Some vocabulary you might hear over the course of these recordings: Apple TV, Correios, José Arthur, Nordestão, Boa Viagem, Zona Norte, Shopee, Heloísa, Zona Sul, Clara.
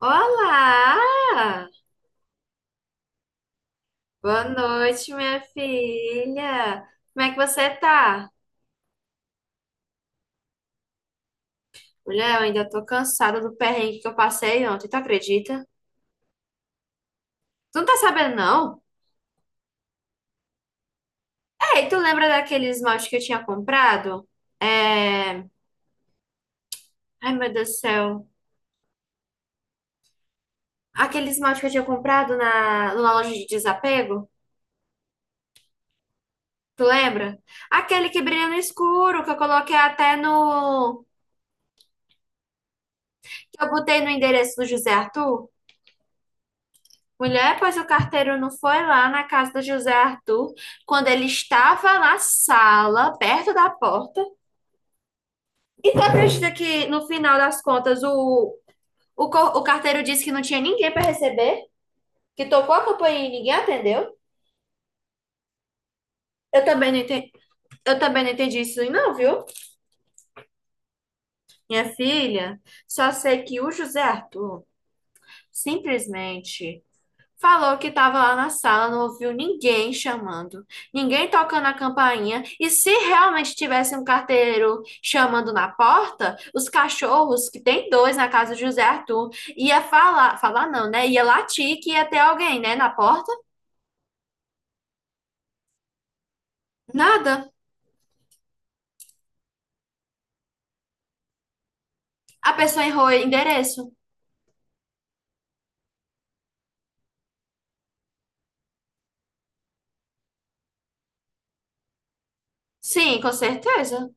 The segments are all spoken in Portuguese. Olá! Boa noite, minha filha. Como é que você tá? Mulher, eu ainda tô cansada do perrengue que eu passei ontem, tu acredita? Tu não tá sabendo, não? Ei, tu lembra daquele esmalte que eu tinha comprado? É... Ai, meu Deus do céu. Aquele esmalte que eu tinha comprado numa loja de desapego? Tu lembra? Aquele que brilha no escuro, que eu coloquei até que eu botei no endereço do José Arthur? Mulher, pois o carteiro não foi lá na casa do José Arthur quando ele estava na sala, perto da porta. E tu acredita que no final das contas o carteiro disse que não tinha ninguém para receber? Que tocou a campainha e ninguém atendeu? Eu também não entendi, eu também não entendi isso aí não, viu? Minha filha, só sei que o José Arthur simplesmente falou que estava lá na sala, não ouviu ninguém chamando, ninguém tocando a campainha. E se realmente tivesse um carteiro chamando na porta, os cachorros, que tem dois na casa de José Arthur, ia falar, falar não, né? Ia latir que ia ter alguém, né, na porta. Nada. A pessoa errou o endereço. Sim, com certeza.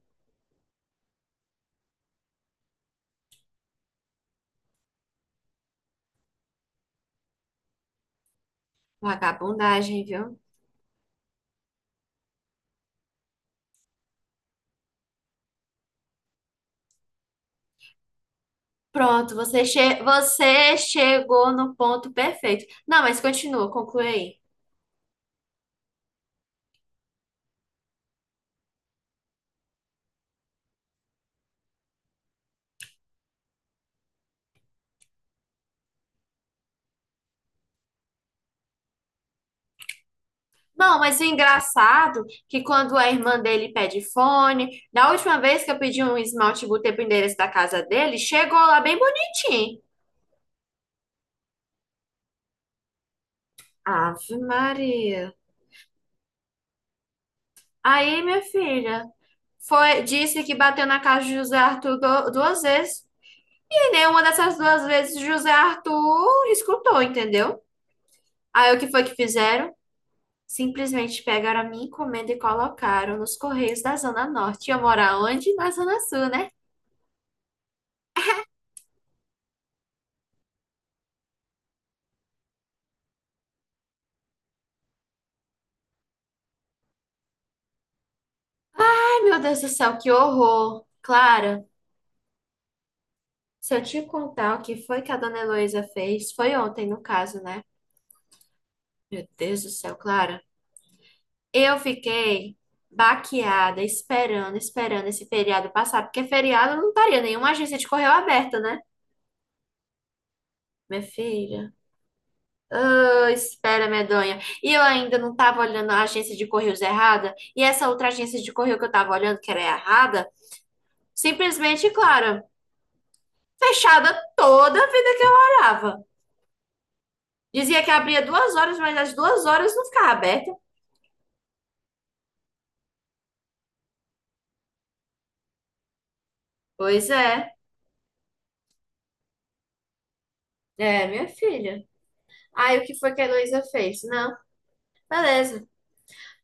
Vagabundagem, viu? Pronto, você chegou no ponto perfeito. Não, mas continua, conclui aí. Não, mas o engraçado que quando a irmã dele pede fone, da última vez que eu pedi um esmalte botei pro endereço da casa dele, chegou lá bem bonitinho. Ave Maria. Aí, minha filha, foi, disse que bateu na casa de José Arthur duas vezes. E nenhuma dessas duas vezes José Arthur escutou, entendeu? Aí o que foi que fizeram? Simplesmente pegaram a minha encomenda e colocaram nos Correios da Zona Norte. E eu moro onde? Na Zona Sul, né? Ai, meu Deus do céu, que horror! Clara, se eu te contar o que foi que a dona Heloísa fez, foi ontem no caso, né? Meu Deus do céu, Clara. Eu fiquei baqueada, esperando, esperando esse feriado passar, porque feriado não estaria nenhuma agência de correio aberta, né? Minha filha. Ô, espera, medonha. E eu ainda não tava olhando a agência de correios errada, e essa outra agência de correio que eu tava olhando, que era errada, simplesmente, Clara, fechada toda a vida que eu orava. Dizia que abria 2 horas, mas às 2 horas não ficava aberta. Pois é. É, minha filha. Aí o que foi que a Heloísa fez? Não, beleza.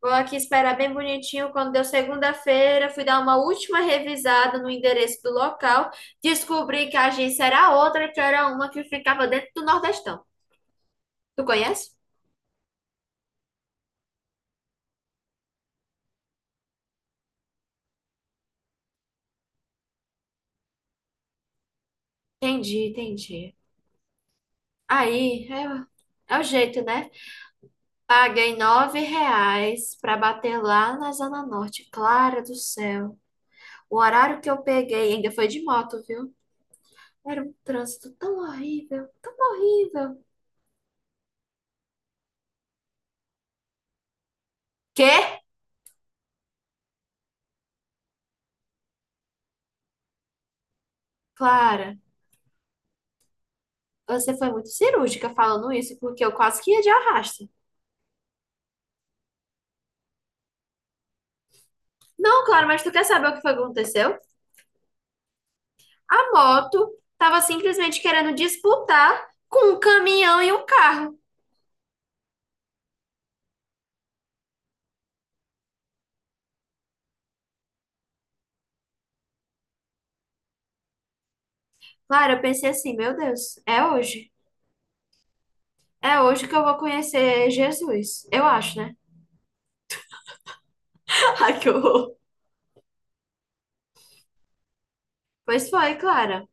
Vou aqui esperar bem bonitinho. Quando deu segunda-feira, fui dar uma última revisada no endereço do local. Descobri que a agência era outra, que era uma que ficava dentro do Nordestão. Tu conhece? Entendi, entendi. Aí, é, é o jeito, né? Paguei R$ 9 pra bater lá na Zona Norte. Clara do céu. O horário que eu peguei ainda foi de moto, viu? Era um trânsito tão horrível, tão horrível. Quê? Clara, você foi muito cirúrgica falando isso, porque eu quase que ia de arrasto. Não, Clara, mas tu quer saber o que foi que aconteceu? A moto tava simplesmente querendo disputar com um caminhão e um carro. Clara, eu pensei assim, meu Deus, é hoje. É hoje que eu vou conhecer Jesus. Eu acho, né? Ai, que horror. Pois foi, Clara.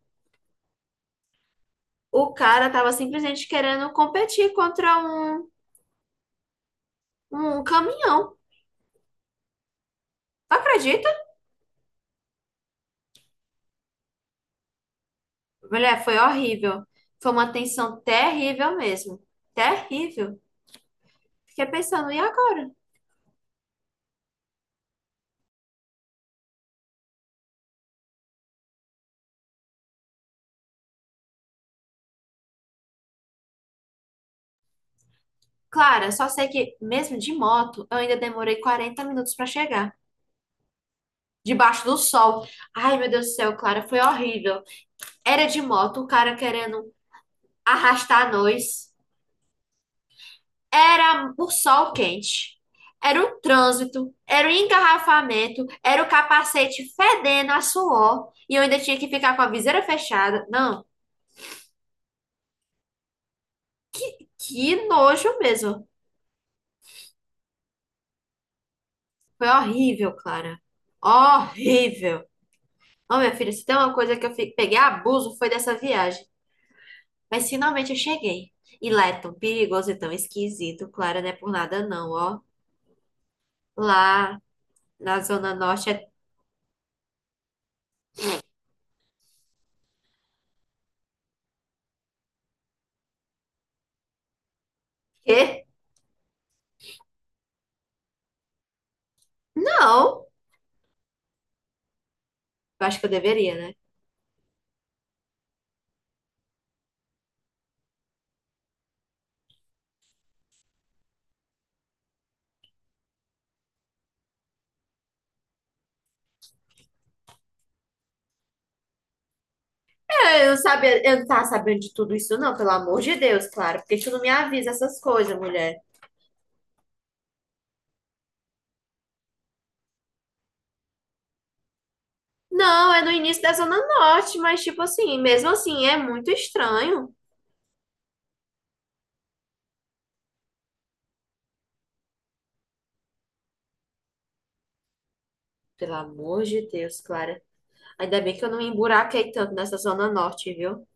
O cara tava simplesmente querendo competir contra um um caminhão. Tu acredita? Mulher, foi horrível. Foi uma tensão terrível mesmo. Terrível. Fiquei pensando, e agora? Clara, só sei que mesmo de moto, eu ainda demorei 40 minutos para chegar. Debaixo do sol. Ai, meu Deus do céu, Clara, foi horrível. Era de moto, o cara querendo arrastar nós. Era o sol quente. Era o trânsito, era o engarrafamento, era o capacete fedendo a suor. E eu ainda tinha que ficar com a viseira fechada. Não, que nojo mesmo. Foi horrível, Clara. Horrível. Ô, minha filha, se tem uma coisa que eu peguei abuso foi dessa viagem. Mas finalmente eu cheguei. E lá é tão perigoso e tão esquisito, Clara, não é por nada não, ó. Lá na Zona Norte é... Quê? Não. Eu acho que eu deveria, né? Eu não sabia, eu não tava sabendo de tudo isso não, pelo amor de Deus, Clara. Porque tu não me avisa essas coisas, mulher? Não, é no início da Zona Norte, mas tipo assim, mesmo assim, é muito estranho. Pelo amor de Deus, Clara. Ainda bem que eu não me emburaquei tanto nessa Zona Norte, viu?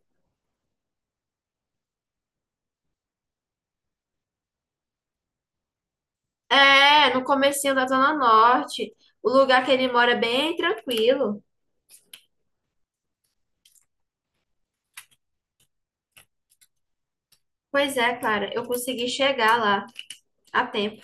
É, no comecinho da Zona Norte. O lugar que ele mora é bem tranquilo. Pois é, Clara, eu consegui chegar lá a tempo.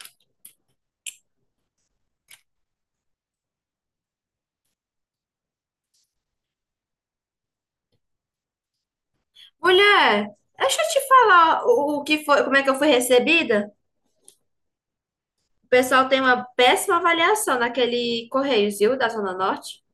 Mulher, deixa eu te falar o que foi, como é que eu fui recebida. O pessoal tem uma péssima avaliação naquele Correios, viu, da Zona Norte.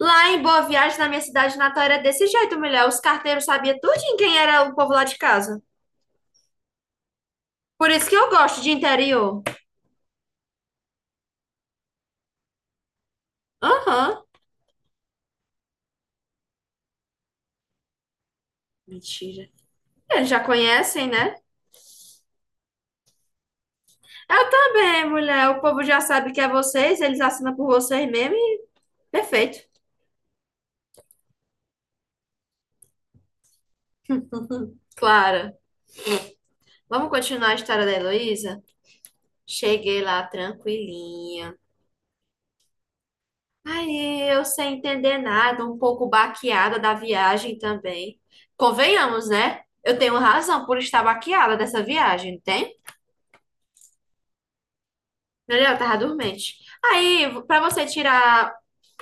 Lá em Boa Viagem, na minha cidade natal, era desse jeito, mulher. Os carteiros sabiam tudo em quem era o povo lá de casa. Por isso que eu gosto de interior. Aham, mentira. Eles já conhecem, né? Eu também, mulher. O povo já sabe que é vocês, eles assinam por vocês mesmo e perfeito. Clara, vamos continuar a história da Heloísa? Cheguei lá tranquilinha. Aí eu sem entender nada, um pouco baqueada da viagem também. Convenhamos, né? Eu tenho razão por estar baqueada dessa viagem, não tem? Mulher, eu tava dormente. Aí, pra você tirar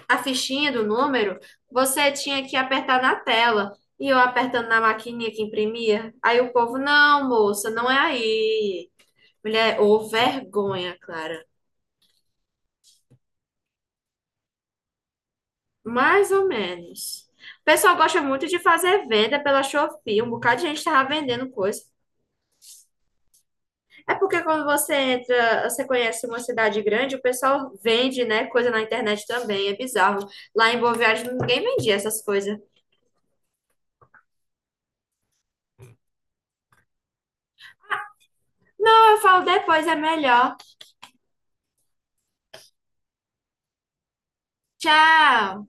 a fichinha do número, você tinha que apertar na tela. E eu apertando na maquininha que imprimia. Aí o povo, não, moça, não é aí. Mulher, ô vergonha, Clara. Mais ou menos. O pessoal gosta muito de fazer venda pela Shopee. Um bocado de gente tava vendendo coisa. É porque quando você entra, você conhece uma cidade grande, o pessoal vende, né, coisa na internet também. É bizarro. Lá em Boa Viagem ninguém vendia essas coisas. Então, eu falo depois, é melhor. Tchau!